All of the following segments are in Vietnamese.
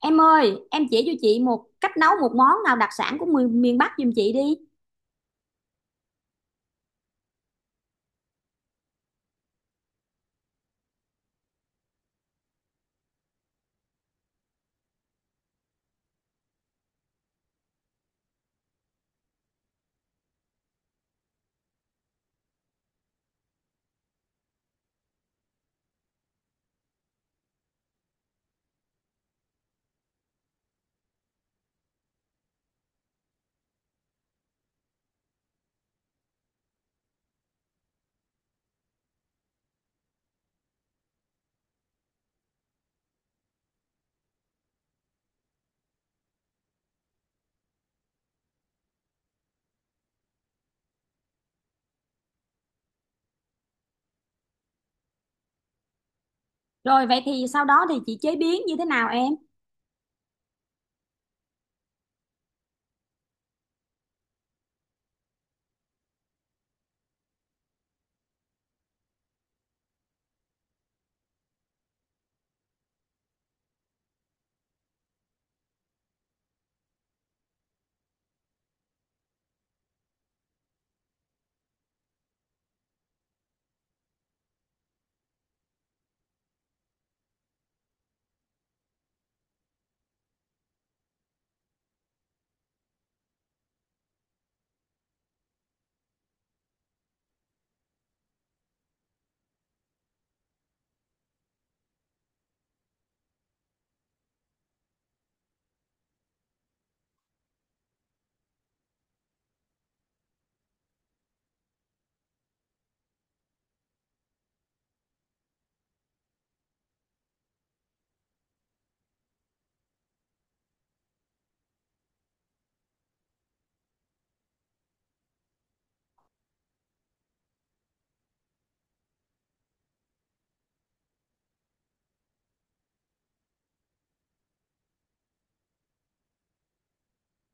Em ơi, em chỉ cho chị một cách nấu một món nào đặc sản của miền Bắc giùm chị đi. Rồi vậy thì sau đó thì chị chế biến như thế nào em?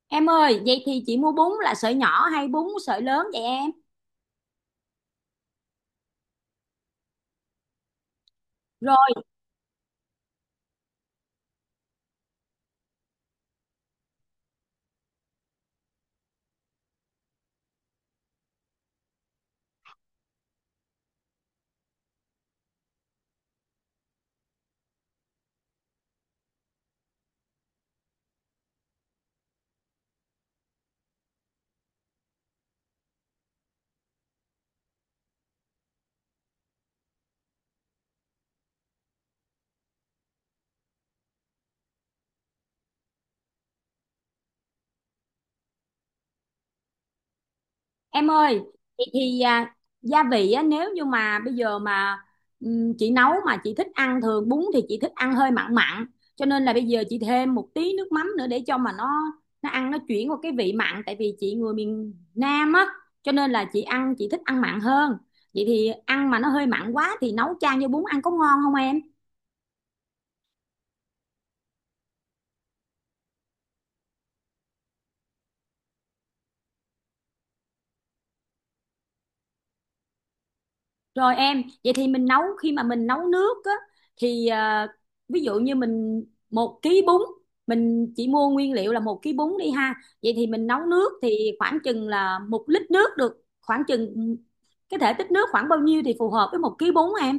Em ơi, vậy thì chị mua bún là sợi nhỏ hay bún sợi lớn vậy em? Em ơi, thì, thì à, gia vị á, nếu như mà bây giờ mà chị nấu mà chị thích ăn thường bún thì chị thích ăn hơi mặn mặn, cho nên là bây giờ chị thêm một tí nước mắm nữa để cho mà nó ăn nó chuyển qua cái vị mặn tại vì chị người miền Nam á, cho nên là chị ăn chị thích ăn mặn hơn. Vậy thì ăn mà nó hơi mặn quá thì nấu chan với bún ăn có ngon không em? Rồi em, vậy thì mình nấu khi mà mình nấu nước á thì ví dụ như mình một ký bún, mình chỉ mua nguyên liệu là một ký bún đi ha. Vậy thì mình nấu nước thì khoảng chừng là một lít nước được khoảng chừng cái thể tích nước khoảng bao nhiêu thì phù hợp với một ký bún em.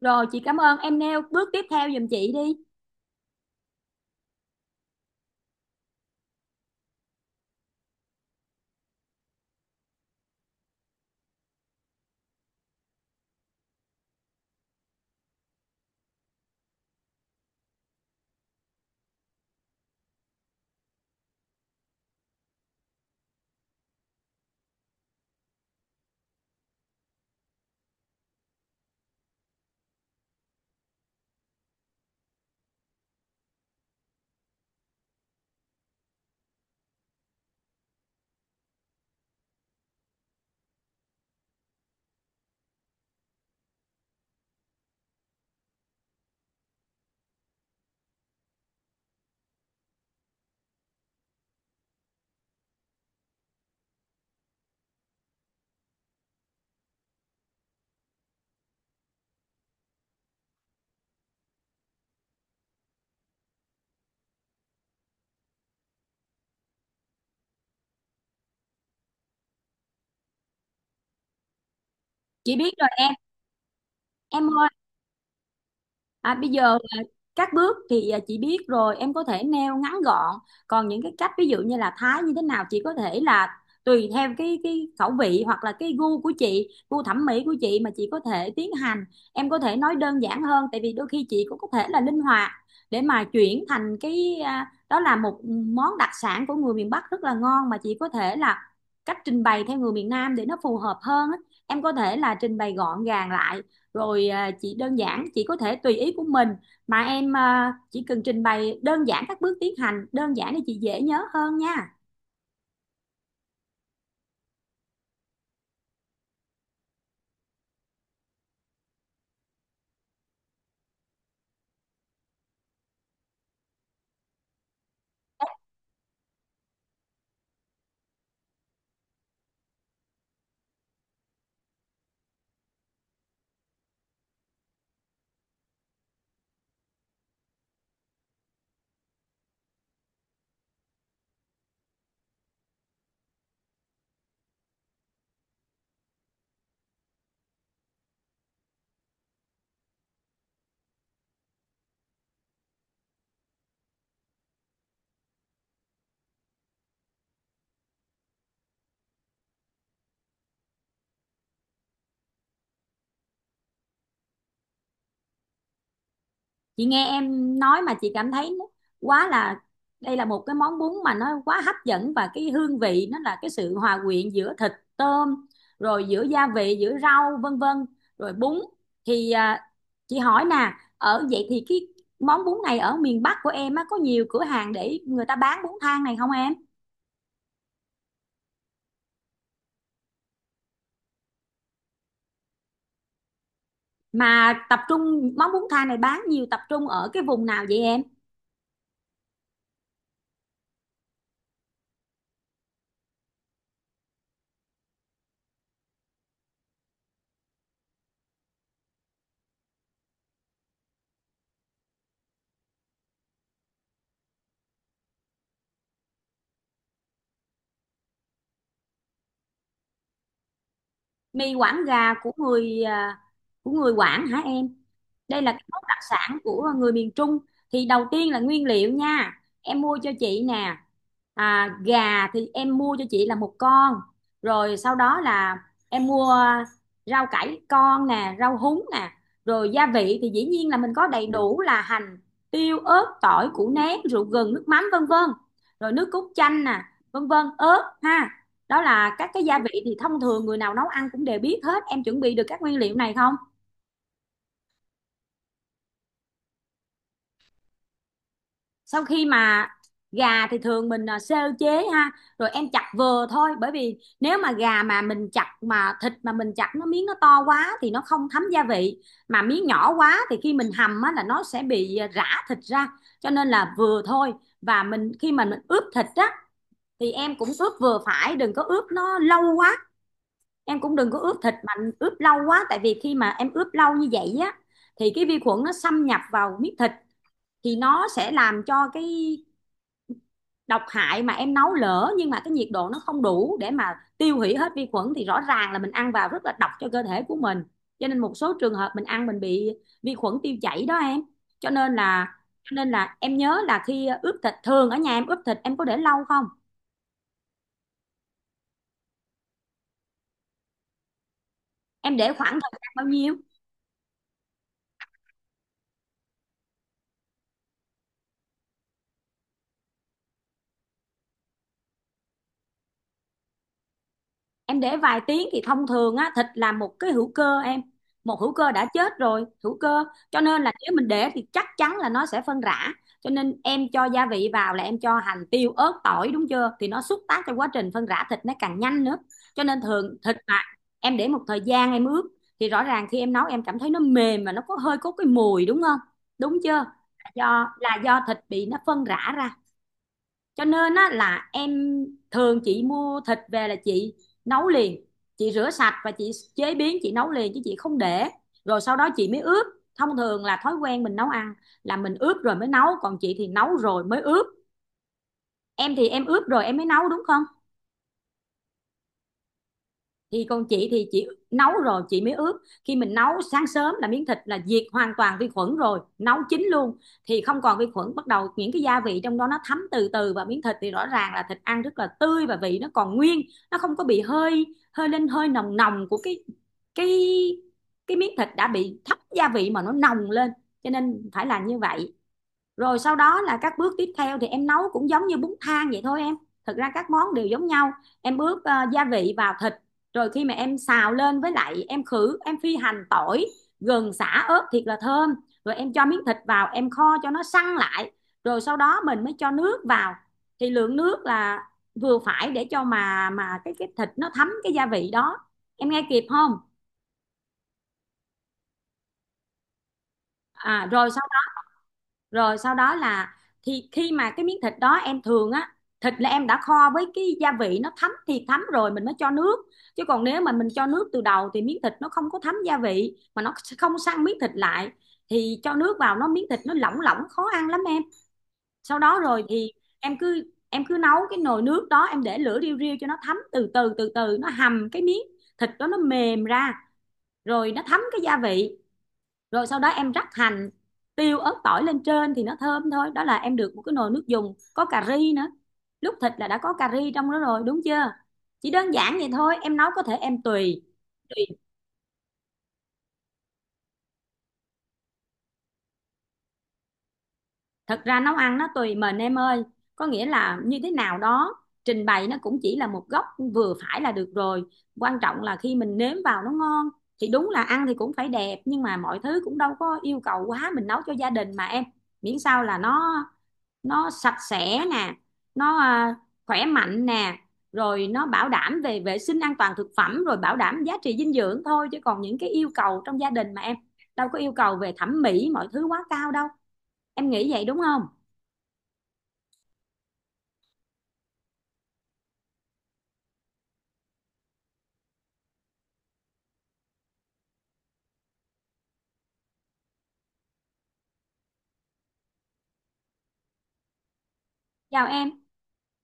Rồi chị cảm ơn em nêu bước tiếp theo giùm chị đi. Chị biết rồi em. Em ơi, bây giờ các bước thì chị biết rồi, em có thể neo ngắn gọn, còn những cái cách ví dụ như là thái như thế nào chị có thể là tùy theo cái khẩu vị hoặc là cái gu của chị, gu thẩm mỹ của chị mà chị có thể tiến hành. Em có thể nói đơn giản hơn, tại vì đôi khi chị cũng có thể là linh hoạt để mà chuyển thành cái đó là một món đặc sản của người miền Bắc rất là ngon, mà chị có thể là cách trình bày theo người miền Nam để nó phù hợp hơn á. Em có thể là trình bày gọn gàng lại, rồi chị đơn giản chị có thể tùy ý của mình. Mà em chỉ cần trình bày đơn giản các bước tiến hành đơn giản để chị dễ nhớ hơn nha. Chị nghe em nói mà chị cảm thấy quá là, đây là một cái món bún mà nó quá hấp dẫn và cái hương vị nó là cái sự hòa quyện giữa thịt, tôm, rồi giữa gia vị, giữa rau vân vân, rồi bún. Thì chị hỏi nè, ở vậy thì cái món bún này ở miền Bắc của em á, có nhiều cửa hàng để người ta bán bún thang này không em? Mà tập trung món bún thang này bán nhiều tập trung ở cái vùng nào vậy em? Mì Quảng gà của người của người Quảng hả em? Đây là cái món đặc sản của người miền Trung. Thì đầu tiên là nguyên liệu nha, em mua cho chị nè. À, gà thì em mua cho chị là một con, rồi sau đó là em mua rau cải con nè, rau húng nè, rồi gia vị thì dĩ nhiên là mình có đầy đủ là hành, tiêu, ớt, tỏi, củ nén, rượu, gừng, nước mắm vân vân, rồi nước cốt chanh nè, vân vân, ớt ha. Đó là các cái gia vị thì thông thường người nào nấu ăn cũng đều biết hết. Em chuẩn bị được các nguyên liệu này không? Sau khi mà gà thì thường mình sơ chế ha, rồi em chặt vừa thôi, bởi vì nếu mà gà mà mình chặt mà thịt mà mình chặt nó miếng nó to quá thì nó không thấm gia vị, mà miếng nhỏ quá thì khi mình hầm á, là nó sẽ bị rã thịt ra, cho nên là vừa thôi. Và mình khi mà mình ướp thịt á, thì em cũng ướp vừa phải, đừng có ướp nó lâu quá. Em cũng đừng có ướp thịt mà ướp lâu quá, tại vì khi mà em ướp lâu như vậy á, thì cái vi khuẩn nó xâm nhập vào miếng thịt thì nó sẽ làm cho cái độc hại, mà em nấu lỡ nhưng mà cái nhiệt độ nó không đủ để mà tiêu hủy hết vi khuẩn thì rõ ràng là mình ăn vào rất là độc cho cơ thể của mình. Cho nên một số trường hợp mình ăn mình bị vi khuẩn tiêu chảy đó em. Cho nên là cho nên là em nhớ là khi ướp thịt, thường ở nhà em ướp thịt em có để lâu không? Em để khoảng thời gian bao nhiêu? Em để vài tiếng thì thông thường á, thịt là một cái hữu cơ em, một hữu cơ đã chết rồi, hữu cơ, cho nên là nếu mình để thì chắc chắn là nó sẽ phân rã. Cho nên em cho gia vị vào là em cho hành, tiêu, ớt, tỏi, đúng chưa, thì nó xúc tác cho quá trình phân rã thịt nó càng nhanh nữa. Cho nên thường thịt mà em để một thời gian em ướp thì rõ ràng khi em nấu em cảm thấy nó mềm mà nó có hơi, có cái mùi, đúng không, đúng chưa? Là do, là do thịt bị nó phân rã ra. Cho nên á, là em, thường chị mua thịt về là chị nấu liền, chị rửa sạch và chị chế biến chị nấu liền, chứ chị không để rồi sau đó chị mới ướp. Thông thường là thói quen mình nấu ăn là mình ướp rồi mới nấu, còn chị thì nấu rồi mới ướp. Em thì em ướp rồi em mới nấu, đúng không? Thì còn chị thì chị nấu rồi chị mới ướp. Khi mình nấu sáng sớm là miếng thịt là diệt hoàn toàn vi khuẩn rồi, nấu chín luôn, thì không còn vi khuẩn, bắt đầu những cái gia vị trong đó nó thấm từ từ vào miếng thịt thì rõ ràng là thịt ăn rất là tươi và vị nó còn nguyên, nó không có bị hơi, hơi lên hơi nồng nồng của cái cái miếng thịt đã bị thấm gia vị mà nó nồng lên. Cho nên phải làm như vậy. Rồi sau đó là các bước tiếp theo thì em nấu cũng giống như bún thang vậy thôi em, thực ra các món đều giống nhau. Em ướp gia vị vào thịt, rồi khi mà em xào lên, với lại em khử em phi hành, tỏi, gừng, sả, ớt thiệt là thơm, rồi em cho miếng thịt vào em kho cho nó săn lại, rồi sau đó mình mới cho nước vào. Thì lượng nước là vừa phải để cho mà cái thịt nó thấm cái gia vị đó. Em nghe kịp không? À rồi sau, rồi sau đó là, thì khi mà cái miếng thịt đó em thường á, thịt là em đã kho với cái gia vị nó thấm thì thấm rồi mình mới cho nước, chứ còn nếu mà mình cho nước từ đầu thì miếng thịt nó không có thấm gia vị mà nó không săn miếng thịt lại, thì cho nước vào nó, miếng thịt nó lỏng lỏng khó ăn lắm em. Sau đó rồi thì em cứ nấu cái nồi nước đó, em để lửa riu riu cho nó thấm từ từ, từ từ nó hầm cái miếng thịt đó nó mềm ra, rồi nó thấm cái gia vị. Rồi sau đó em rắc hành, tiêu, ớt, tỏi lên trên thì nó thơm thôi. Đó là em được một cái nồi nước dùng có cà ri nữa, lúc thịt là đã có cà ri trong đó rồi, đúng chưa? Chỉ đơn giản vậy thôi em nấu, có thể em tùy tùy, thật ra nấu ăn nó tùy mình em ơi, có nghĩa là như thế nào đó. Trình bày nó cũng chỉ là một góc vừa phải là được rồi, quan trọng là khi mình nếm vào nó ngon. Thì đúng là ăn thì cũng phải đẹp, nhưng mà mọi thứ cũng đâu có yêu cầu quá, mình nấu cho gia đình mà em, miễn sao là nó sạch sẽ nè, nó khỏe mạnh nè, rồi nó bảo đảm về vệ sinh an toàn thực phẩm, rồi bảo đảm giá trị dinh dưỡng thôi, chứ còn những cái yêu cầu trong gia đình mà em, đâu có yêu cầu về thẩm mỹ mọi thứ quá cao đâu. Em nghĩ vậy đúng không? Chào em.